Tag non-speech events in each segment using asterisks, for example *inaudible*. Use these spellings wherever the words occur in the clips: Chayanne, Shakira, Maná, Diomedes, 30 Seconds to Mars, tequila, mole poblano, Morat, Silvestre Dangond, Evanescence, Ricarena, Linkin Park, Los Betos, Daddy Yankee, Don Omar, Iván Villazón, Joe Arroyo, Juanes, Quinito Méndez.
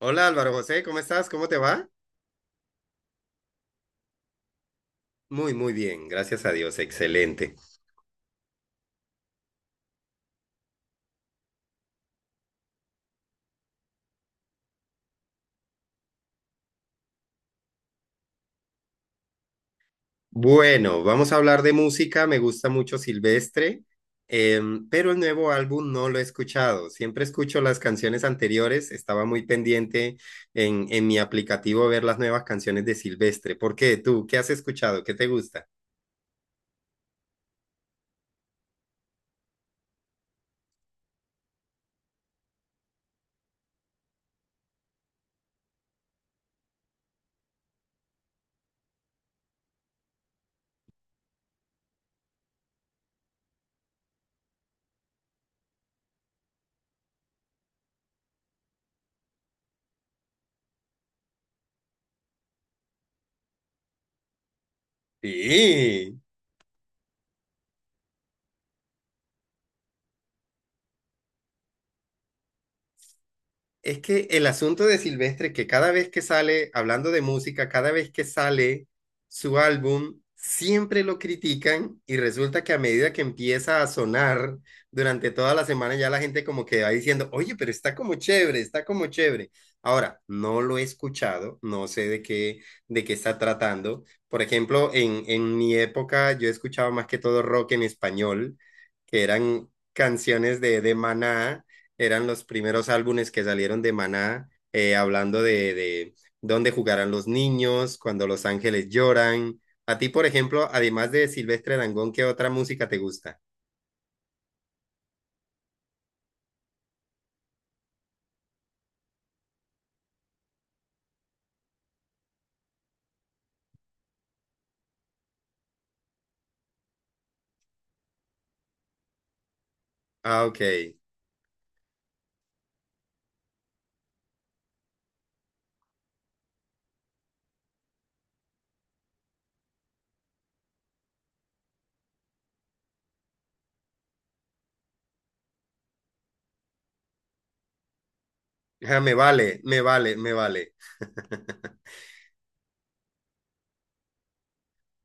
Hola Álvaro José, ¿cómo estás? ¿Cómo te va? Muy, muy bien, gracias a Dios, excelente. Bueno, vamos a hablar de música, me gusta mucho Silvestre, pero el nuevo álbum no lo he escuchado. Siempre escucho las canciones anteriores, estaba muy pendiente en mi aplicativo ver las nuevas canciones de Silvestre. ¿Por qué? ¿Tú qué has escuchado? ¿Qué te gusta? Sí. Es que el asunto de Silvestre es que cada vez que sale, hablando de música, cada vez que sale su álbum, siempre lo critican y resulta que a medida que empieza a sonar durante toda la semana, ya la gente como que va diciendo, oye, pero está como chévere, está como chévere. Ahora, no lo he escuchado, no sé de qué está tratando. Por ejemplo, en mi época yo escuchaba más que todo rock en español, que eran canciones de Maná, eran los primeros álbumes que salieron de Maná, hablando de dónde jugarán los niños, cuando los ángeles lloran. A ti, por ejemplo, además de Silvestre Dangond, ¿qué otra música te gusta? Ah, ok. Ah, me vale, me vale, me vale. *laughs*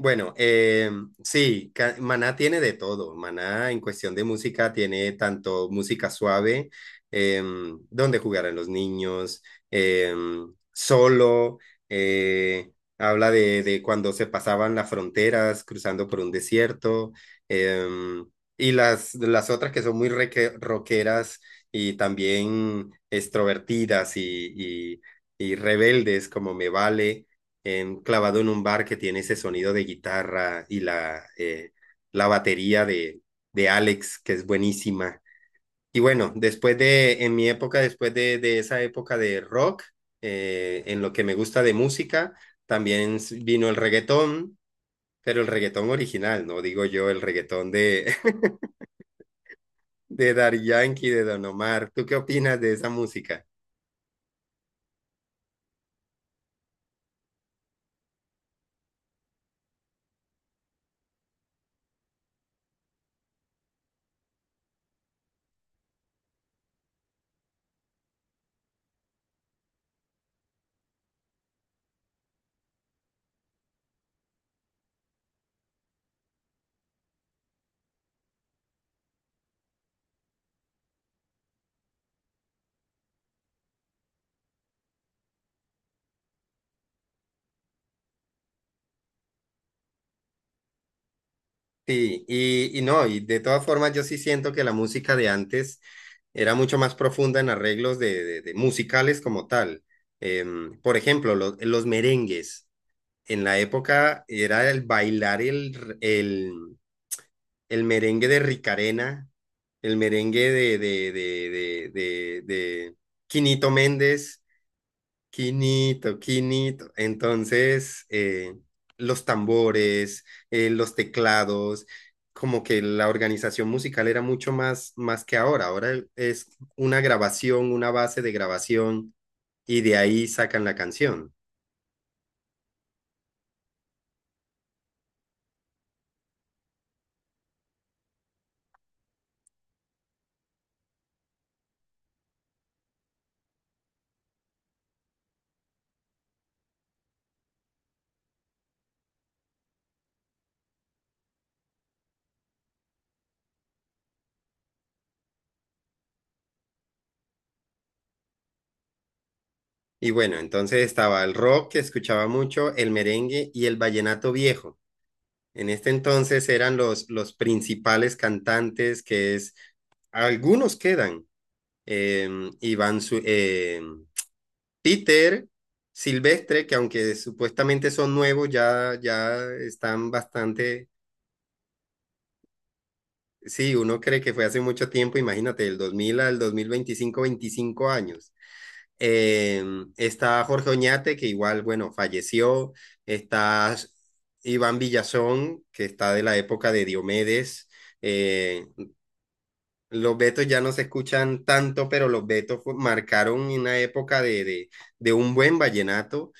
Bueno, sí, Maná tiene de todo. Maná en cuestión de música tiene tanto música suave, donde jugarán los niños, solo, eh, habla de cuando se pasaban las fronteras cruzando por un desierto, em, y las otras que son muy rockeras y también extrovertidas y, y rebeldes como Me Vale enclavado en un bar que tiene ese sonido de guitarra y la, la batería de Alex, que es buenísima. Y bueno, después de, en mi época, después de esa época de rock, en lo que me gusta de música, también vino el reggaetón, pero el reggaetón original, no digo yo el reggaetón de, *laughs* de Daddy Yankee, de Don Omar. ¿Tú qué opinas de esa música? Sí, y no, y de todas formas yo sí siento que la música de antes era mucho más profunda en arreglos de musicales como tal. Por ejemplo, los merengues. En la época era el bailar el, el merengue de Ricarena, el merengue de Quinito Méndez. Quinito, quinito. Entonces, los tambores, los teclados, como que la organización musical era mucho más, más que ahora. Ahora es una grabación, una base de grabación y de ahí sacan la canción. Y bueno, entonces estaba el rock que escuchaba mucho, el merengue y el vallenato viejo. En este entonces eran los principales cantantes que es, algunos quedan, eh, Iván, Títer, Silvestre, que aunque supuestamente son nuevos, ya, ya están bastante, sí, uno cree que fue hace mucho tiempo, imagínate, del 2000 al dos mil veinticinco, 25 años. Eh, está Jorge Oñate, que igual, bueno, falleció. Está Iván Villazón, que está de la época de Diomedes. Eh, los Betos ya no se escuchan tanto, pero los Betos marcaron una época de un buen vallenato.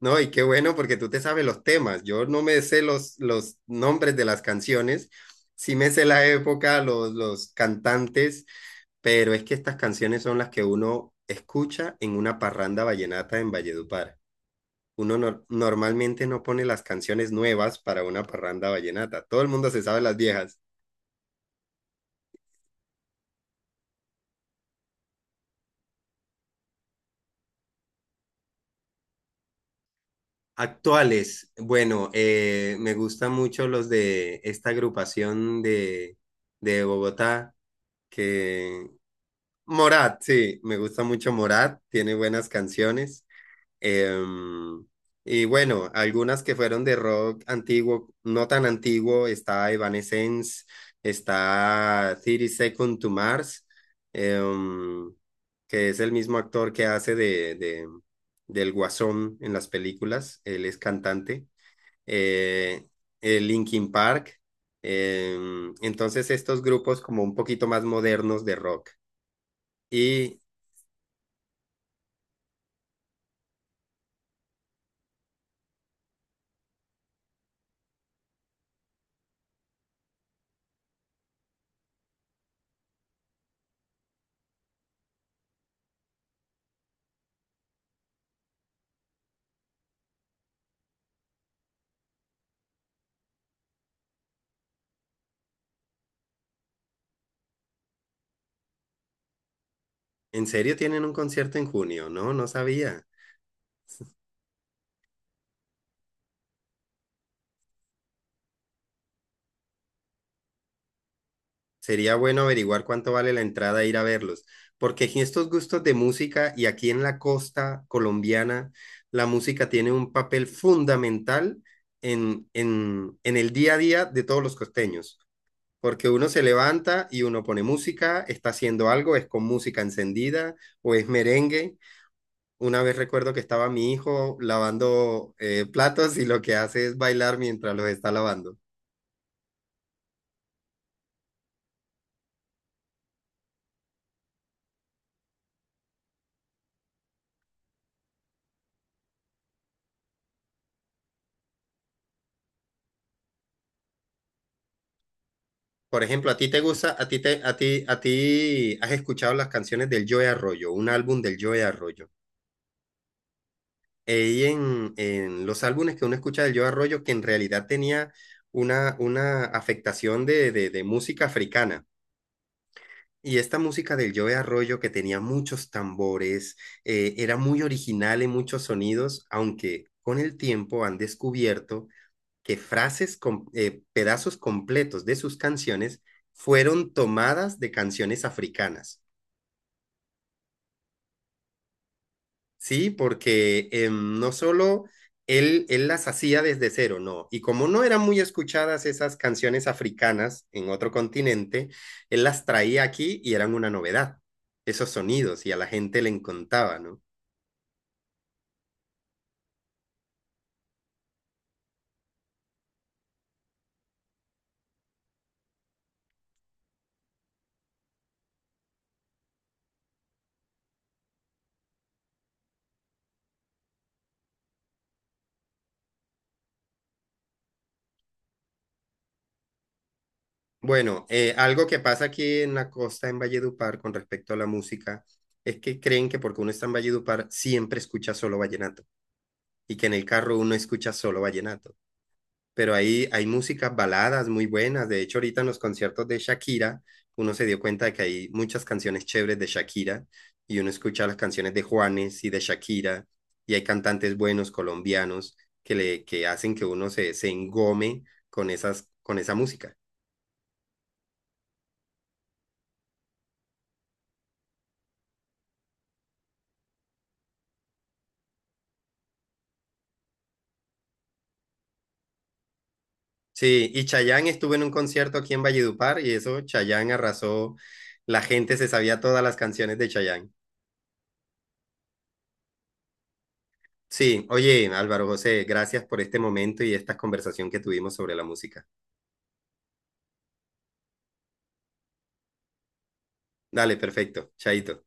No, y qué bueno porque tú te sabes los temas. Yo no me sé los nombres de las canciones, sí me sé la época, los cantantes, pero es que estas canciones son las que uno escucha en una parranda vallenata en Valledupar. Uno normalmente no pone las canciones nuevas para una parranda vallenata. Todo el mundo se sabe las viejas. Actuales, bueno, me gustan mucho los de esta agrupación de Bogotá que Morat, sí, me gusta mucho Morat, tiene buenas canciones. Em, y bueno, algunas que fueron de rock antiguo, no tan antiguo, está Evanescence, está 30 Seconds to Mars, em, que es el mismo actor que hace del Guasón en las películas, él es cantante. Eh, Linkin Park, entonces estos grupos como un poquito más modernos de rock. Y ¿en serio tienen un concierto en junio? No, no sabía. Sería bueno averiguar cuánto vale la entrada e ir a verlos, porque aquí estos gustos de música y aquí en la costa colombiana, la música tiene un papel fundamental en el día a día de todos los costeños, porque uno se levanta y uno pone música, está haciendo algo, es con música encendida o es merengue. Una vez recuerdo que estaba mi hijo lavando platos y lo que hace es bailar mientras los está lavando. Por ejemplo, a ti te gusta, a ti te, a ti has escuchado las canciones del Joe Arroyo, un álbum del Joe Arroyo. Y en los álbumes que uno escucha del Joe Arroyo, que en realidad tenía una afectación de música africana. Y esta música del Joe Arroyo, que tenía muchos tambores, era muy original en muchos sonidos, aunque con el tiempo han descubierto que frases, pedazos completos de sus canciones fueron tomadas de canciones africanas, ¿sí? Porque no solo él, él las hacía desde cero, no. Y como no eran muy escuchadas esas canciones africanas en otro continente, él las traía aquí y eran una novedad, esos sonidos, y a la gente le encantaba, ¿no? Bueno, algo que pasa aquí en la costa, en Valledupar, con respecto a la música, es que creen que porque uno está en Valledupar siempre escucha solo vallenato, y que en el carro uno escucha solo vallenato. Pero ahí hay músicas baladas muy buenas. De hecho, ahorita en los conciertos de Shakira, uno se dio cuenta de que hay muchas canciones chéveres de Shakira y uno escucha las canciones de Juanes y de Shakira y hay cantantes buenos colombianos que, le, que hacen que uno se, se engome con, esas, con esa música. Sí, y Chayanne estuvo en un concierto aquí en Valledupar y eso, Chayanne arrasó, la gente se sabía todas las canciones de Chayanne. Sí, oye, Álvaro José, gracias por este momento y esta conversación que tuvimos sobre la música. Dale, perfecto. Chaito.